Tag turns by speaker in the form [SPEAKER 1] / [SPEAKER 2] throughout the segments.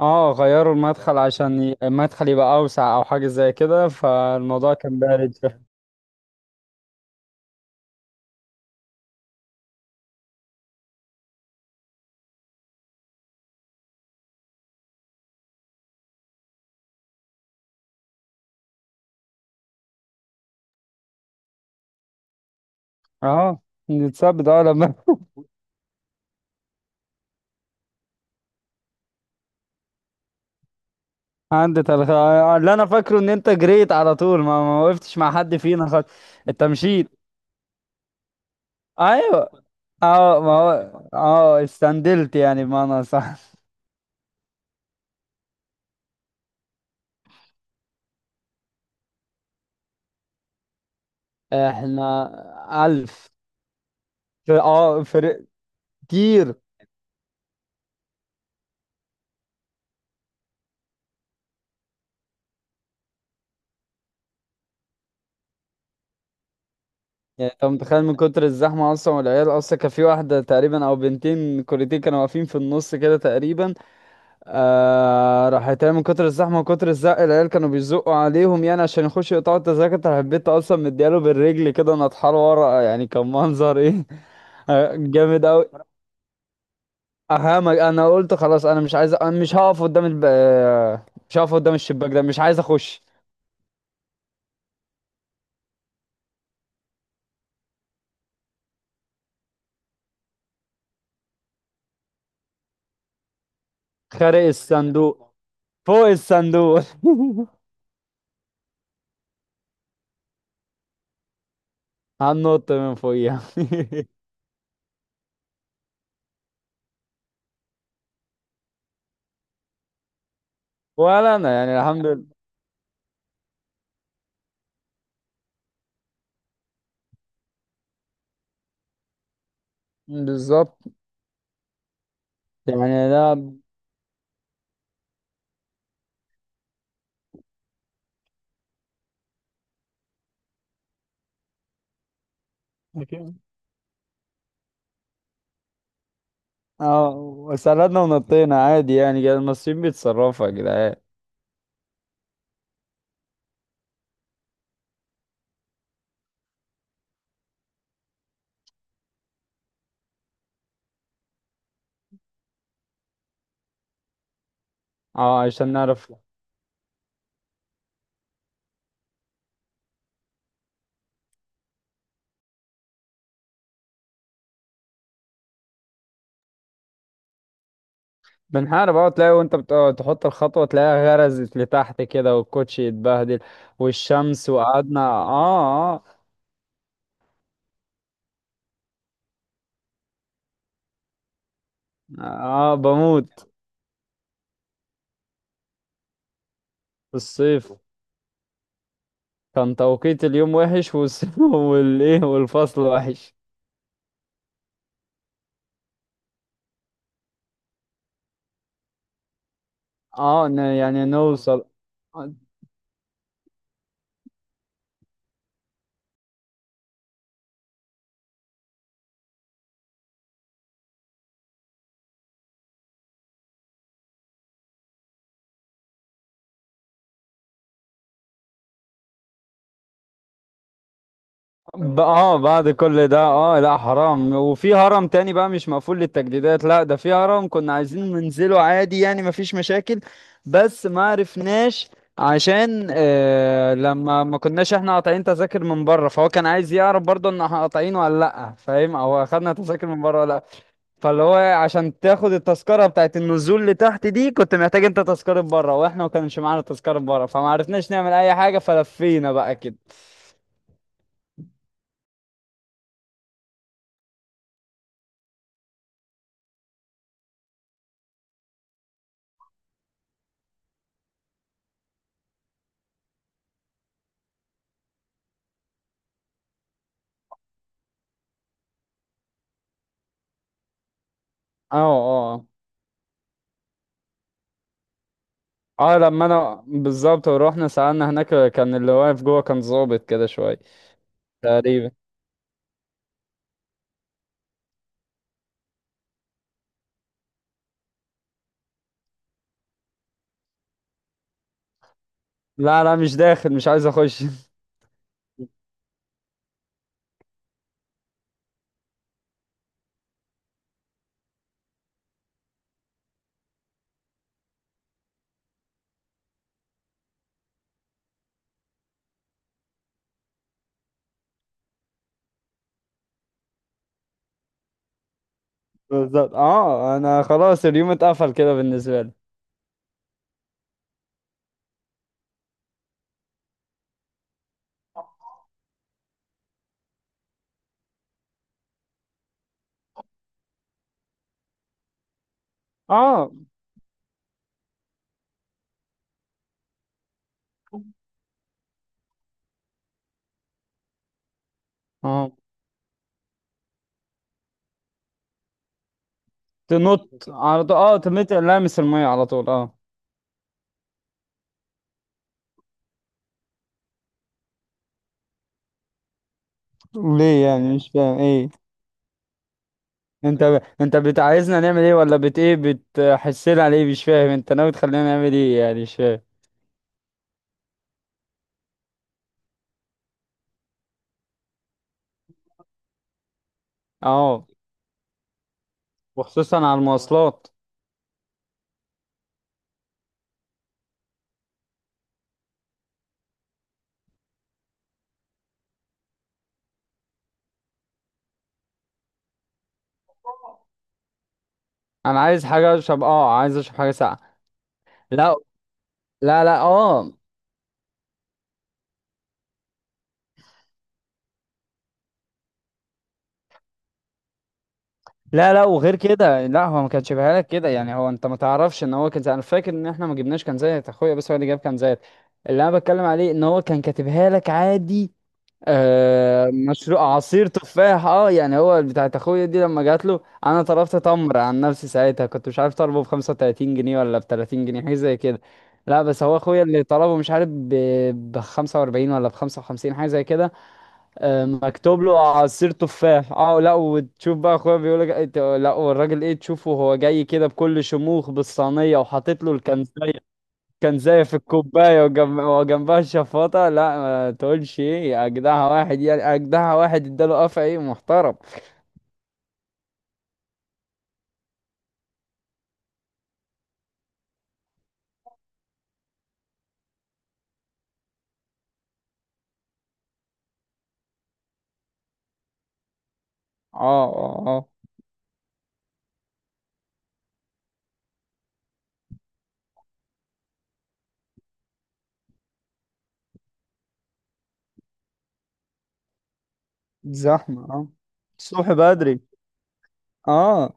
[SPEAKER 1] اه غيروا المدخل عشان المدخل يبقى اوسع او حاجه زي كده، فالموضوع كان بارد شوية. اه نتثبت اه لما. عندي تلخ... آه، اللي انا فاكره ان انت جريت على طول، ما وقفتش مع حد فينا خالص. انت مشيت. ايوه. اه ما هو اه استندلت يعني بمعنى صح. احنا الف. فرق كتير. يعني انت متخيل من كتر الزحمه اصلا، والعيال اصلا كان في واحده تقريبا او بنتين كوريتين كانوا واقفين في النص كده تقريبا. آه راح يتعمل من كتر الزحمه وكتر الزق، العيال كانوا بيزقوا عليهم يعني عشان يخشوا يقطعوا التذاكر، أنت حبيت اصلا مدياله بالرجل كده نطحال ورا، يعني كان منظر ايه. آه، جامد قوي. اهامك انا قلت خلاص انا مش عايز، أنا مش هقف قدام الب... آه، مش هقف قدام الشباك ده، مش عايز اخش. خارق الصندوق. فوق الصندوق. هننط من فوقيها. ولا انا يعني الحمد لله. بالظبط يعني ده. اه وسردنا ونطينا عادي يعني، المصريين بيتصرفوا يا جدعان. اه عشان نعرف. بنحارب اه، تلاقي وانت تحط الخطوة تلاقيها غرزت لتحت كده والكوتشي يتبهدل والشمس وقعدنا اه. اه اه بموت. في الصيف. كان توقيت اليوم وحش، والايه والفصل وحش. اه يعني نوصل. بعد كل ده اه، لا حرام، وفي هرم تاني بقى مش مقفول للتجديدات، لا ده في هرم كنا عايزين ننزله عادي يعني مفيش مشاكل. بس ما عرفناش عشان آه لما ما كناش احنا قاطعين تذاكر من بره، فهو كان عايز يعرف برضه ان احنا قاطعينه ولا لا فاهم، او اخدنا تذاكر من بره ولا لا. فاللي هو عشان تاخد التذكره بتاعت النزول لتحت دي، كنت محتاج انت تذكره بره، واحنا ما كانش معانا تذكره بره، فما عرفناش نعمل اي حاجه، فلفينا بقى كده. اه اه آه. اه لما انا بالظبط، ورحنا سألنا هناك كان اللي واقف جوه كان ظابط كده شوية تقريبا. لا لا مش داخل، مش عايز اخش. بالظبط، اه انا خلاص اليوم اتقفل كده بالنسبة لي. اه اه تنط على طول اه، تمت لامس المية على طول اه. ليه يعني مش فاهم ايه، انت ب... انت بت- عايزنا نعمل ايه، ولا بت ايه، بتحسنا على ايه؟ مش فاهم انت ناوي تخلينا نعمل ايه يعني، مش فاهم. اه وخصوصا على المواصلات. انا عايز حاجة اشرب، اه عايز اشرب حاجة ساقعة. لا لا لا اه. لا لا وغير كده، لا هو ما كانش بيها لك كده يعني، هو انت ما تعرفش ان هو كان انا فاكر ان احنا ما جبناش كان زيت اخويا، بس هو اللي جاب كان زيت. اللي انا بتكلم عليه ان هو كان كاتبها لك عادي. آه مشروع عصير تفاح اه، يعني هو بتاعت اخويا دي لما جات له. انا طلبت تمر عن نفسي ساعتها، كنت مش عارف طلبه ب 35 جنيه ولا ب 30 جنيه، حاجه زي كده. لا بس هو اخويا اللي طلبه، مش عارف ب 45 ولا ب 55، حاجه زي كده. آه، مكتوب له عصير تفاح اه. لا وتشوف بقى اخويا بيقول لك إيه، لا والراجل ايه تشوفه وهو جاي كده بكل شموخ بالصينيه وحاطط له الكنزايه، الكنزايه في الكوبايه، وجنبها الشفاطه، لا ما تقولش ايه يا اجدعها واحد، يعني اجدعها واحد اداله قفا ايه محترم. اه اه اه. زحمه اه. الصبح بدري. اه.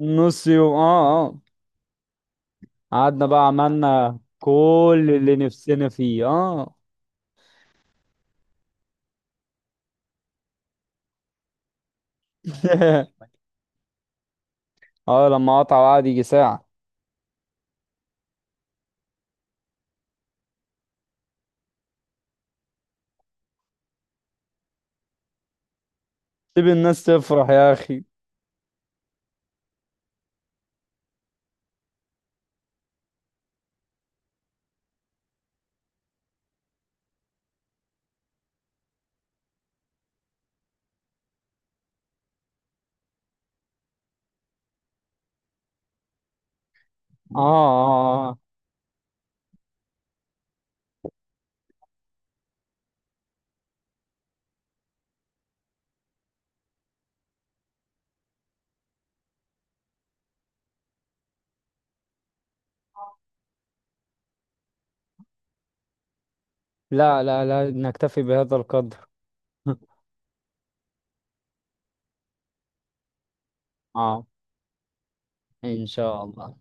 [SPEAKER 1] نص يوم اه اه. قعدنا بقى عملنا كل اللي نفسنا فيه اه. اه لما قطع وقعد يجي ساعة. سيب الناس تفرح يا أخي. آه, آه, آه. لا لا لا نكتفي بهذا القدر. آه، إن شاء الله.